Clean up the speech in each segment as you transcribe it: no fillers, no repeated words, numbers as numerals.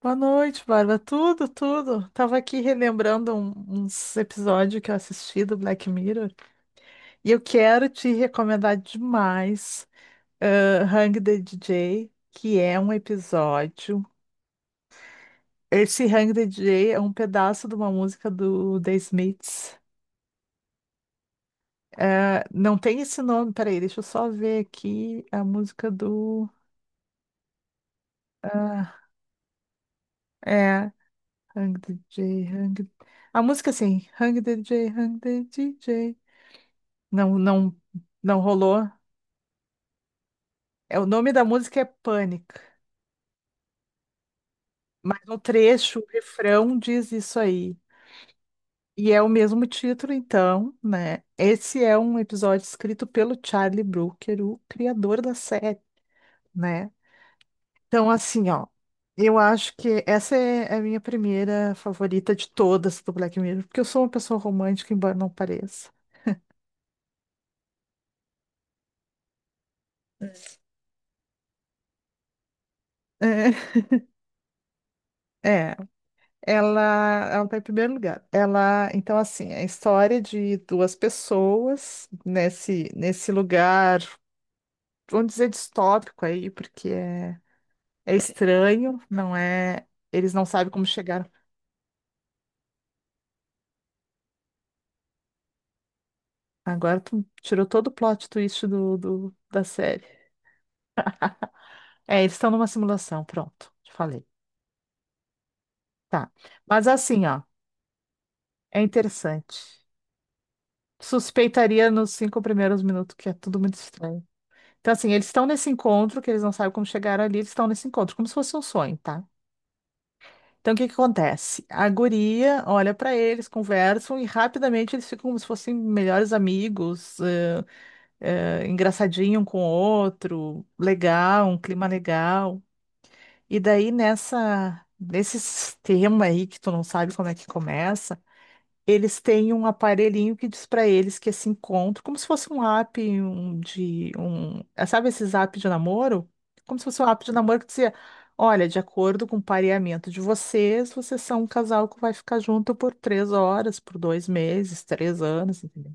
Boa noite, Bárbara. Tudo, tudo. Tava aqui relembrando uns episódios que eu assisti do Black Mirror, e eu quero te recomendar demais, Hang the DJ, que é um episódio. Esse Hang the DJ é um pedaço de uma música do The Smiths. Não tem esse nome, peraí, deixa eu só ver aqui a música do. Ah, é, Hang the DJ, Hang. A música assim, Hang the DJ, Hang the DJ. Não, não, não rolou. É, o nome da música é Pânica, mas no trecho, o refrão diz isso aí. E é o mesmo título, então, né? Esse é um episódio escrito pelo Charlie Brooker, o criador da série, né? Então, assim, ó, eu acho que essa é a minha primeira favorita de todas do Black Mirror, porque eu sou uma pessoa romântica, embora não pareça. É, é. Ela, ela está em primeiro lugar. Ela, então, assim, é a história de duas pessoas nesse lugar, vamos dizer distópico aí, porque é estranho, não é. Eles não sabem como chegaram. Agora tu tirou todo o plot twist da série. É, eles estão numa simulação, pronto, te falei. Tá. Mas assim, ó, é interessante. Suspeitaria nos 5 primeiros minutos que é tudo muito estranho. Então, assim, eles estão nesse encontro, que eles não sabem como chegaram ali, eles estão nesse encontro, como se fosse um sonho, tá? Então, o que que acontece? A guria olha pra eles, conversam e rapidamente eles ficam como se fossem melhores amigos, engraçadinho um com o outro, legal, um clima legal. E daí, nesse tema aí que tu não sabe como é que começa. Eles têm um aparelhinho que diz para eles que esse encontro, como se fosse um app um, de um, é, sabe esses apps de namoro? Como se fosse um app de namoro que dizia, olha, de acordo com o pareamento de vocês, vocês são um casal que vai ficar junto por 3 horas, por 2 meses, 3 anos, entendeu?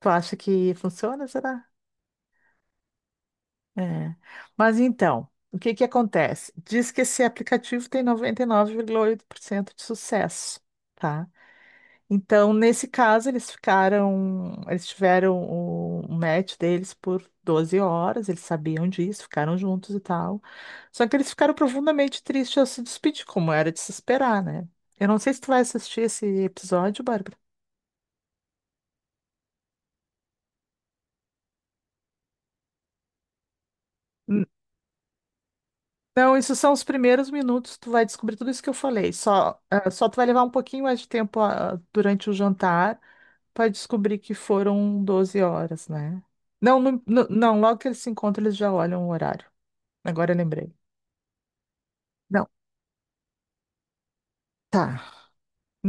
Tu acha que funciona, será? É. Mas então, o que que acontece? Diz que esse aplicativo tem 99,8% de sucesso, tá? Então, nesse caso, eles ficaram, eles tiveram o match deles por 12 horas, eles sabiam disso, ficaram juntos e tal. Só que eles ficaram profundamente tristes ao se despedir, como era de se esperar, né? Eu não sei se tu vai assistir esse episódio, Bárbara. N- Não, isso são os primeiros minutos, tu vai descobrir tudo isso que eu falei. Só, tu vai levar um pouquinho mais de tempo, durante o jantar para descobrir que foram 12 horas, né? Não, não, logo que eles se encontram, eles já olham o horário. Agora eu lembrei. Não, tá.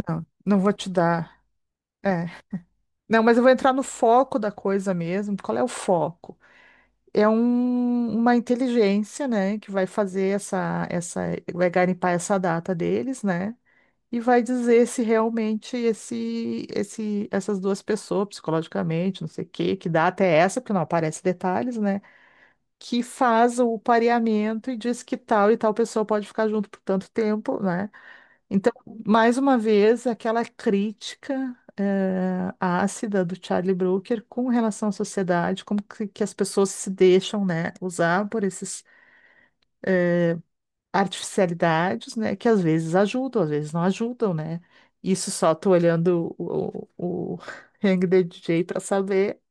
Não, não vou te dar. É. Não, mas eu vou entrar no foco da coisa mesmo. Qual é o foco? É uma inteligência, né, que vai fazer vai garimpar essa data deles, né? E vai dizer se realmente essas duas pessoas, psicologicamente, não sei o quê, que data é essa, porque não aparece detalhes, né? Que faz o pareamento e diz que tal e tal pessoa pode ficar junto por tanto tempo, né? Então, mais uma vez, aquela crítica ácida do Charlie Brooker com relação à sociedade, como que as pessoas se deixam, né, usar por essas artificialidades, né, que às vezes ajudam, às vezes não ajudam, né? Isso só tô olhando o Hang the DJ para saber,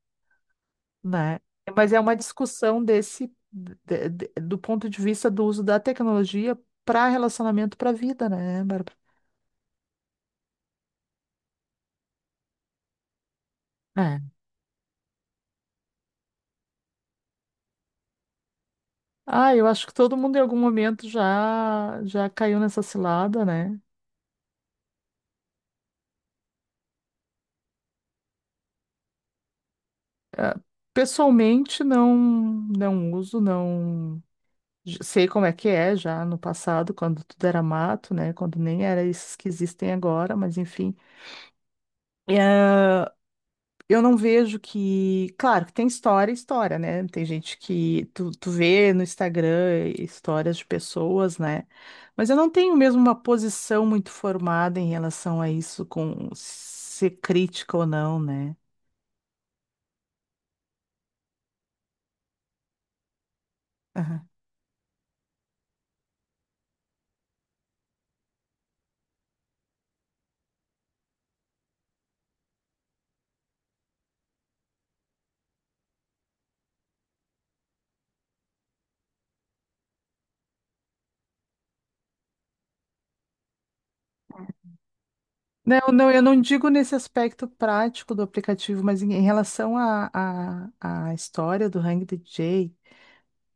né? Mas é uma discussão do ponto de vista do uso da tecnologia para relacionamento para vida, né, Bárbara? É. Ah, eu acho que todo mundo em algum momento já caiu nessa cilada, né? Ah, pessoalmente não uso, não sei como é que é já no passado, quando tudo era mato, né? Quando nem era esses que existem agora, mas enfim. Eu não vejo que. Claro, que tem história, história, né? Tem gente que tu vê no Instagram histórias de pessoas, né? Mas eu não tenho mesmo uma posição muito formada em relação a isso, com ser crítica ou não, né? Aham. Não, não, eu não digo nesse aspecto prático do aplicativo, mas em relação à história do Hang DJ,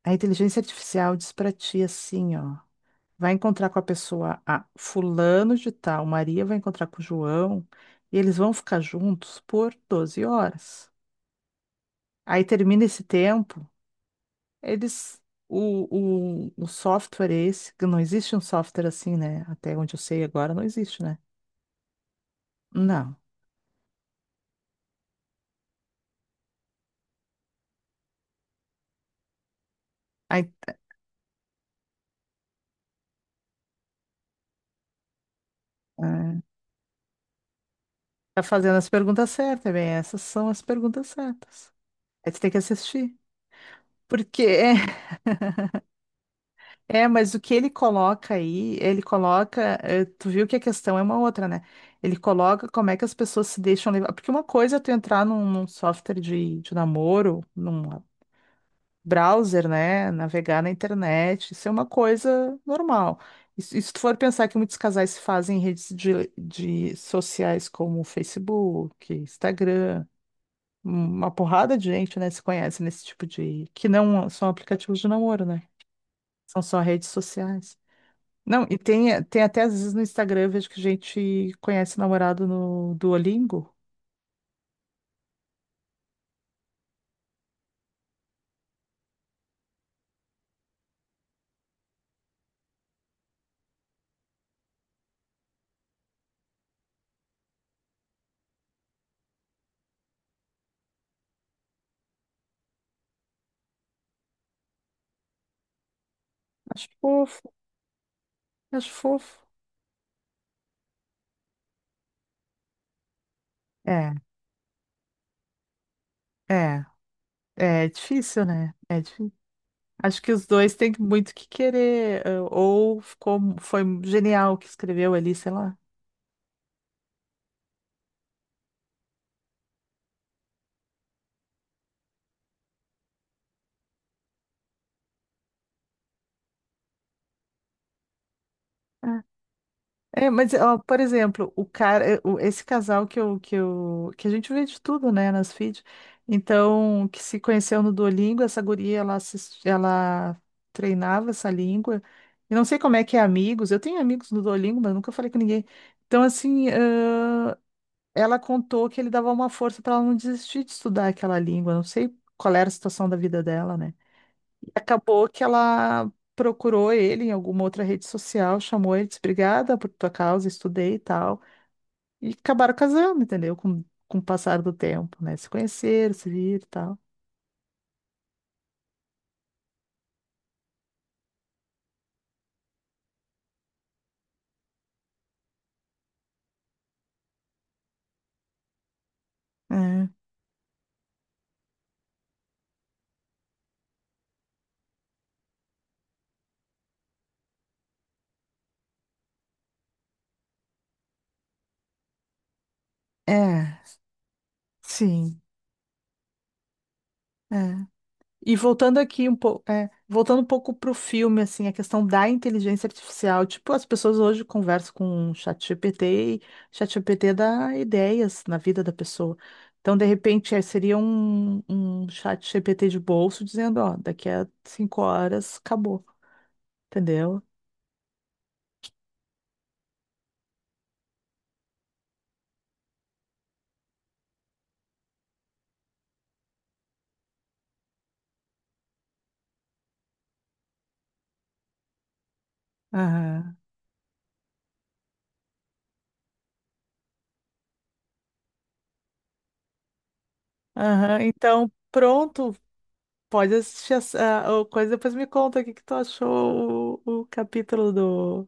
a inteligência artificial diz pra ti assim, ó. Vai encontrar com a pessoa A, fulano de tal, Maria vai encontrar com o João, e eles vão ficar juntos por 12 horas. Aí termina esse tempo, eles. O software é esse, que não existe um software assim, né? Até onde eu sei agora, não existe, né? Não. Aí ah, tá fazendo as perguntas certas, bem, essas são as perguntas certas. Aí tu tem que assistir. Porque É, mas o que ele coloca aí, tu viu que a questão é uma outra, né? Ele coloca como é que as pessoas se deixam levar. Porque uma coisa é tu entrar num, software de namoro, num browser, né? Navegar na internet, isso é uma coisa normal. E se tu for pensar que muitos casais se fazem em redes de sociais como Facebook, Instagram, um, uma porrada de gente, né, se conhece nesse tipo de... que não são aplicativos de namoro, né? São só redes sociais. Não, e tem até às vezes no Instagram, eu vejo que a gente conhece namorado no Duolingo. Acho fofo, acho fofo. É, é, é difícil, né? É difícil. Acho que os dois têm muito que querer, ou ficou, foi genial o que escreveu ali, sei lá. É. É, mas, ó, por exemplo, o cara, esse casal que a gente vê de tudo, né, nas feeds. Então, que se conheceu no Duolingo, essa guria, ela treinava essa língua. E não sei como é que é amigos. Eu tenho amigos no Duolingo, mas nunca falei com ninguém. Então, assim, ela contou que ele dava uma força para ela não desistir de estudar aquela língua. Não sei qual era a situação da vida dela, né? Acabou que ela procurou ele em alguma outra rede social, chamou ele, disse, obrigada por tua causa, estudei e tal. E acabaram casando, entendeu? Com o passar do tempo, né? Se conheceram, se viram e tal. É, é, sim. É. E voltando aqui um pouco, voltando um pouco pro filme, assim, a questão da inteligência artificial, tipo, as pessoas hoje conversam com o ChatGPT, e ChatGPT dá ideias na vida da pessoa. Então, de repente, seria um ChatGPT de bolso dizendo, ó, daqui a 5 horas acabou, entendeu? Aham. Aham. Então, pronto, pode assistir essa a coisa, depois me conta o que que tu achou o capítulo do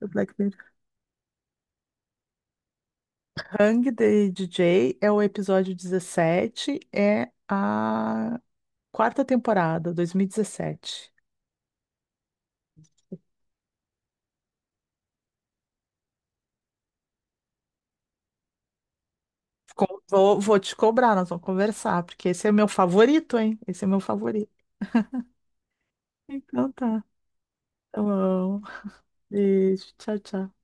do Black Mirror. Hang the DJ é o episódio 17, é a quarta temporada, 2017. Vou te cobrar, nós vamos conversar, porque esse é o meu favorito, hein? Esse é o meu favorito. Então tá. Tá bom. Beijo, tchau, tchau.